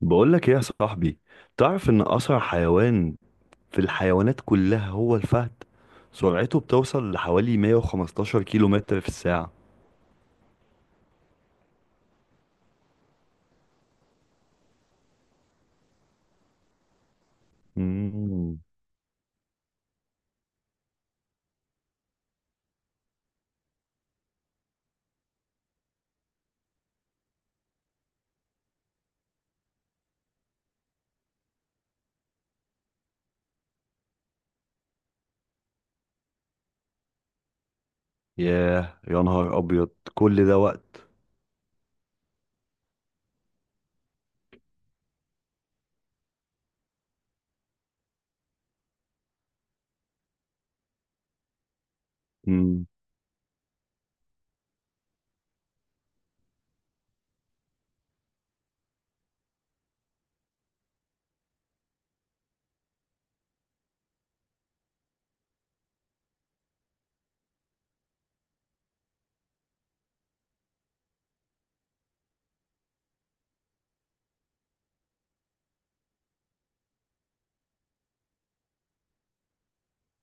بقولك ايه يا صاحبي؟ تعرف ان اسرع حيوان في الحيوانات كلها هو الفهد. سرعته بتوصل لحوالي 115 كيلو متر في الساعة. مم. ياه يا نهار ابيض! كل ده وقت. مم.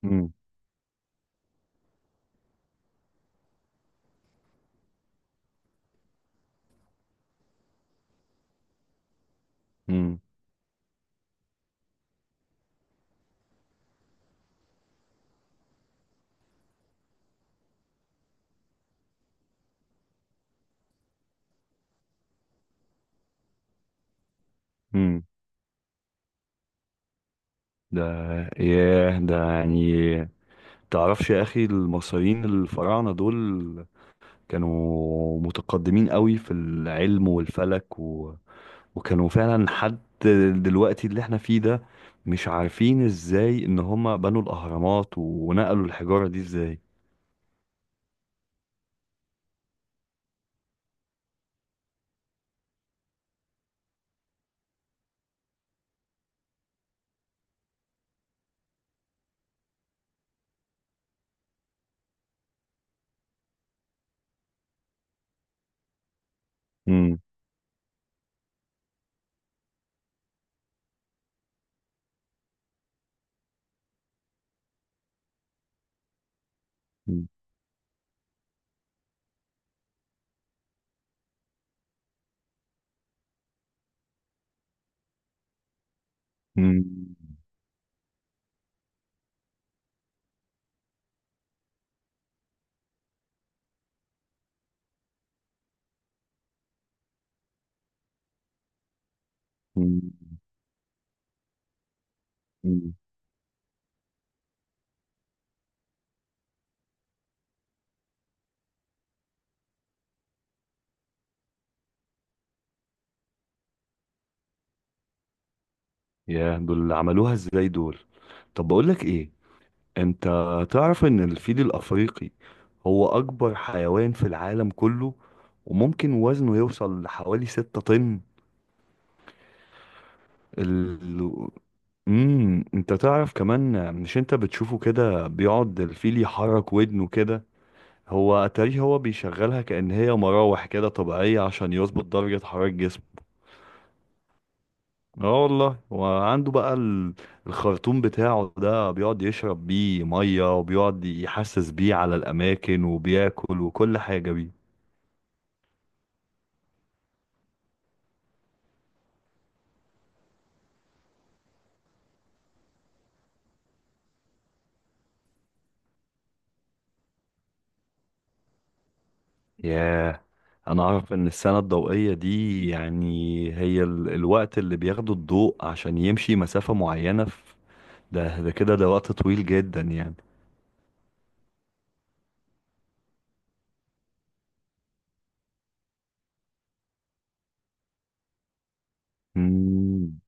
مم. مم. مم. ده ياه، ده يعني تعرفش يا اخي، المصريين الفراعنة دول كانوا متقدمين قوي في العلم والفلك، وكانوا فعلا حد. دلوقتي اللي احنا فيه ده مش عارفين ازاي ان هم بنوا الاهرامات ونقلوا الحجارة دي ازاي. مم. مم. مم. مم. مم. يا دول اللي عملوها ازاي دول! طب بقول لك ايه، انت تعرف ان الفيل الافريقي هو اكبر حيوان في العالم كله، وممكن وزنه يوصل لحوالي 6 طن. ال... انت تعرف كمان، مش انت بتشوفه كده بيقعد الفيل يحرك ودنه كده؟ هو اتاريه هو بيشغلها كأن هي مراوح كده طبيعية عشان يظبط درجة حرارة جسمه. اه والله، وعنده بقى الخرطوم بتاعه ده بيقعد يشرب بيه مية وبيقعد يحسس بيه على الأماكن وبياكل وكل حاجة بيه. ياه، انا اعرف ان السنة الضوئية دي يعني هي الوقت اللي بياخده الضوء عشان يمشي مسافة معينة. ده وقت طويل جدا يعني. مم.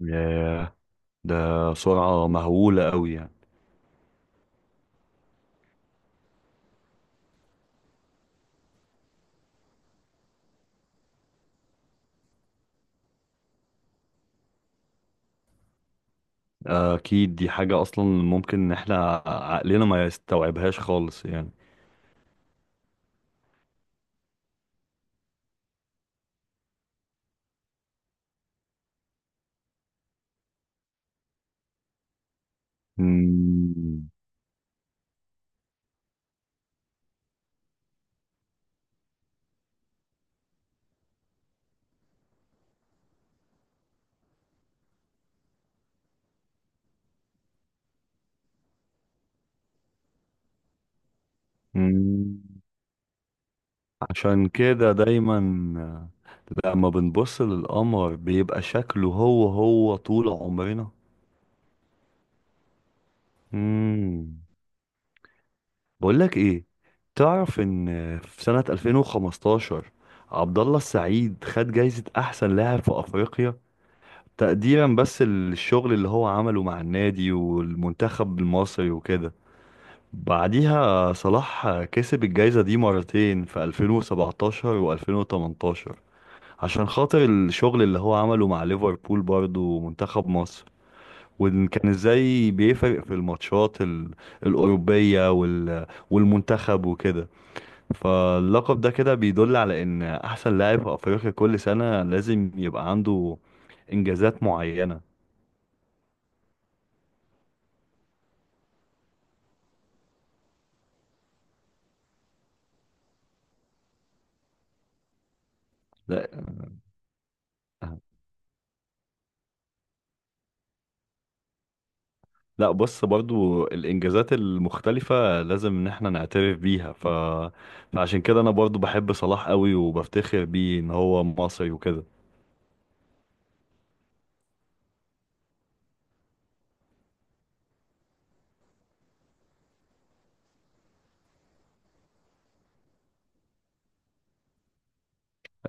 ياه، ده سرعة مهولة قوي يعني. أكيد دي حاجة أصلا ممكن إن إحنا عقلنا ما يستوعبهاش خالص يعني. مم. مم. عشان كده دايما لما بنبص للقمر بيبقى شكله هو هو طول عمرنا. مم. بقولك ايه، تعرف ان في سنة 2015 عبد الله السعيد خد جايزة احسن لاعب في افريقيا، تقديرا بس للشغل اللي هو عمله مع النادي والمنتخب المصري وكده. بعديها صلاح كسب الجايزة دي مرتين في 2017 و2018، عشان خاطر الشغل اللي هو عمله مع ليفربول برضه ومنتخب مصر، وإن كان ازاي بيفرق في الماتشات الأوروبية والمنتخب وكده. فاللقب ده كده بيدل على ان احسن لاعب في افريقيا كل سنة لازم يبقى عنده انجازات معينة. لا، لا، بص برضو الانجازات المختلفة لازم ان احنا نعترف بيها. فعشان كده انا برضو بحب صلاح قوي وبفتخر بيه ان هو مصري وكده.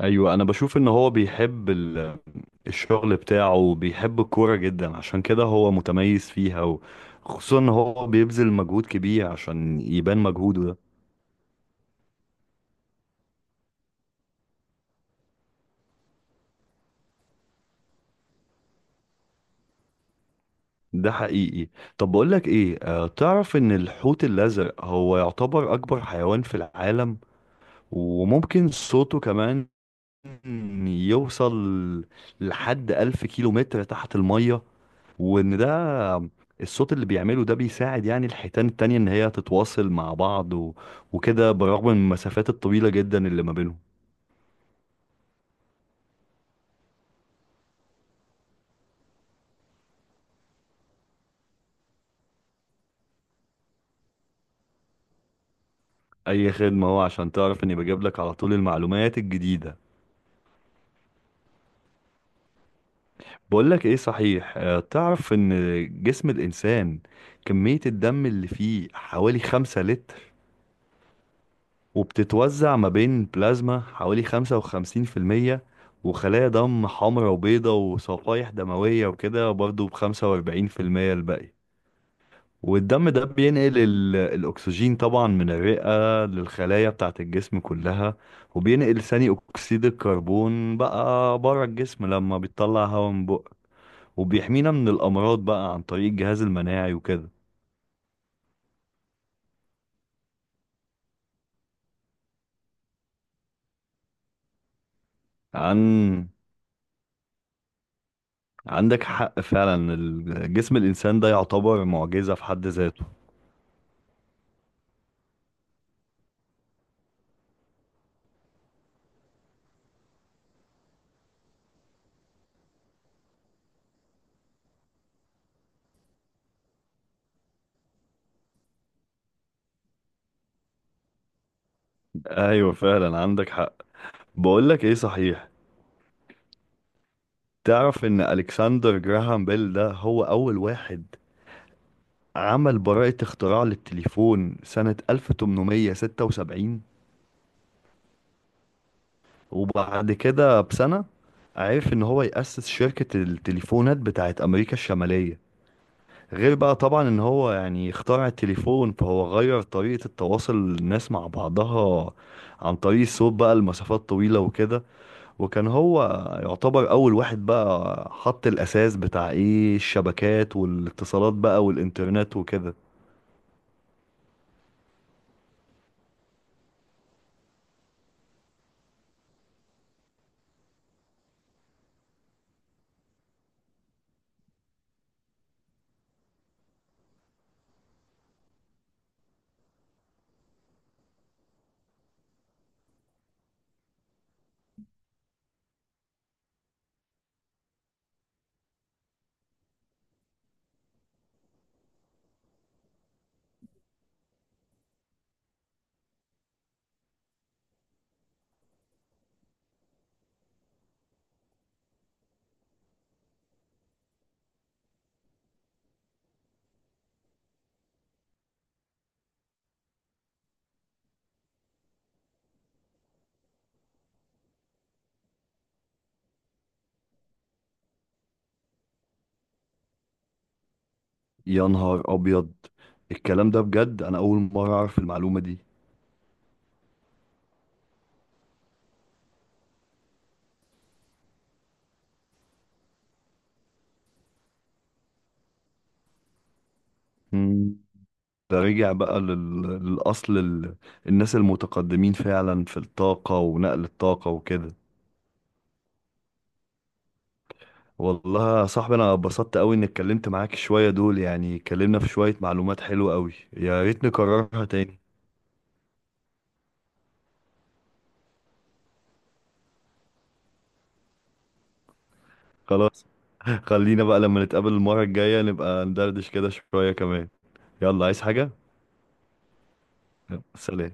ايوه، انا بشوف ان هو بيحب الشغل بتاعه وبيحب الكورة جدا، عشان كده هو متميز فيها، وخصوصا ان هو بيبذل مجهود كبير عشان يبان مجهوده ده. ده حقيقي. طب بقول لك ايه، تعرف ان الحوت الازرق هو يعتبر اكبر حيوان في العالم، وممكن صوته كمان يوصل لحد 1000 كيلو متر تحت المية. وان ده الصوت اللي بيعمله ده بيساعد يعني الحيتان التانية ان هي تتواصل مع بعض وكده، برغم من المسافات الطويلة جدا اللي ما بينهم. اي خدمة، هو عشان تعرف اني بجيب لك على طول المعلومات الجديدة. بقولك ايه صحيح، تعرف ان جسم الانسان كمية الدم اللي فيه حوالي 5 لتر، وبتتوزع ما بين بلازما حوالي 55%، وخلايا دم حمراء وبيضة وصفائح دموية، وكده برضو بخمسة واربعين في المية الباقي. والدم ده بينقل الأكسجين طبعا من الرئة للخلايا بتاعة الجسم كلها، وبينقل ثاني أكسيد الكربون بقى بره الجسم لما بيطلع هواء من بقه، وبيحمينا من الأمراض بقى عن طريق الجهاز المناعي وكده. عن عندك حق فعلا، جسم الإنسان ده يعتبر معجزة في حد ذاته. أيوة فعلا عندك حق. بقولك إيه صحيح، تعرف إن ألكسندر جراهام بيل ده هو أول واحد عمل براءة اختراع للتليفون سنة 1876. وبعد كده بسنة عرف إن هو يأسس شركة التليفونات بتاعت أمريكا الشمالية. غير بقى طبعا ان هو يعني اخترع التليفون، فهو غير طريقة التواصل الناس مع بعضها عن طريق الصوت بقى لمسافات طويلة وكده. وكان هو يعتبر اول واحد بقى حط الاساس بتاع ايه الشبكات والاتصالات بقى والانترنت وكده. يا نهار ابيض، الكلام ده بجد انا اول مرة اعرف المعلومة دي. مم. ده رجع بقى للاصل، الناس المتقدمين فعلا في الطاقة ونقل الطاقة وكده. والله يا صاحبي، انا اتبسطت قوي اني اتكلمت معاك شوية دول، يعني اتكلمنا في شوية معلومات حلوة قوي، يا ريت نكررها تاني. خلاص. خلينا بقى لما نتقابل المرة الجاية نبقى ندردش كده شوية كمان. يلا، عايز حاجة؟ يلا، سلام.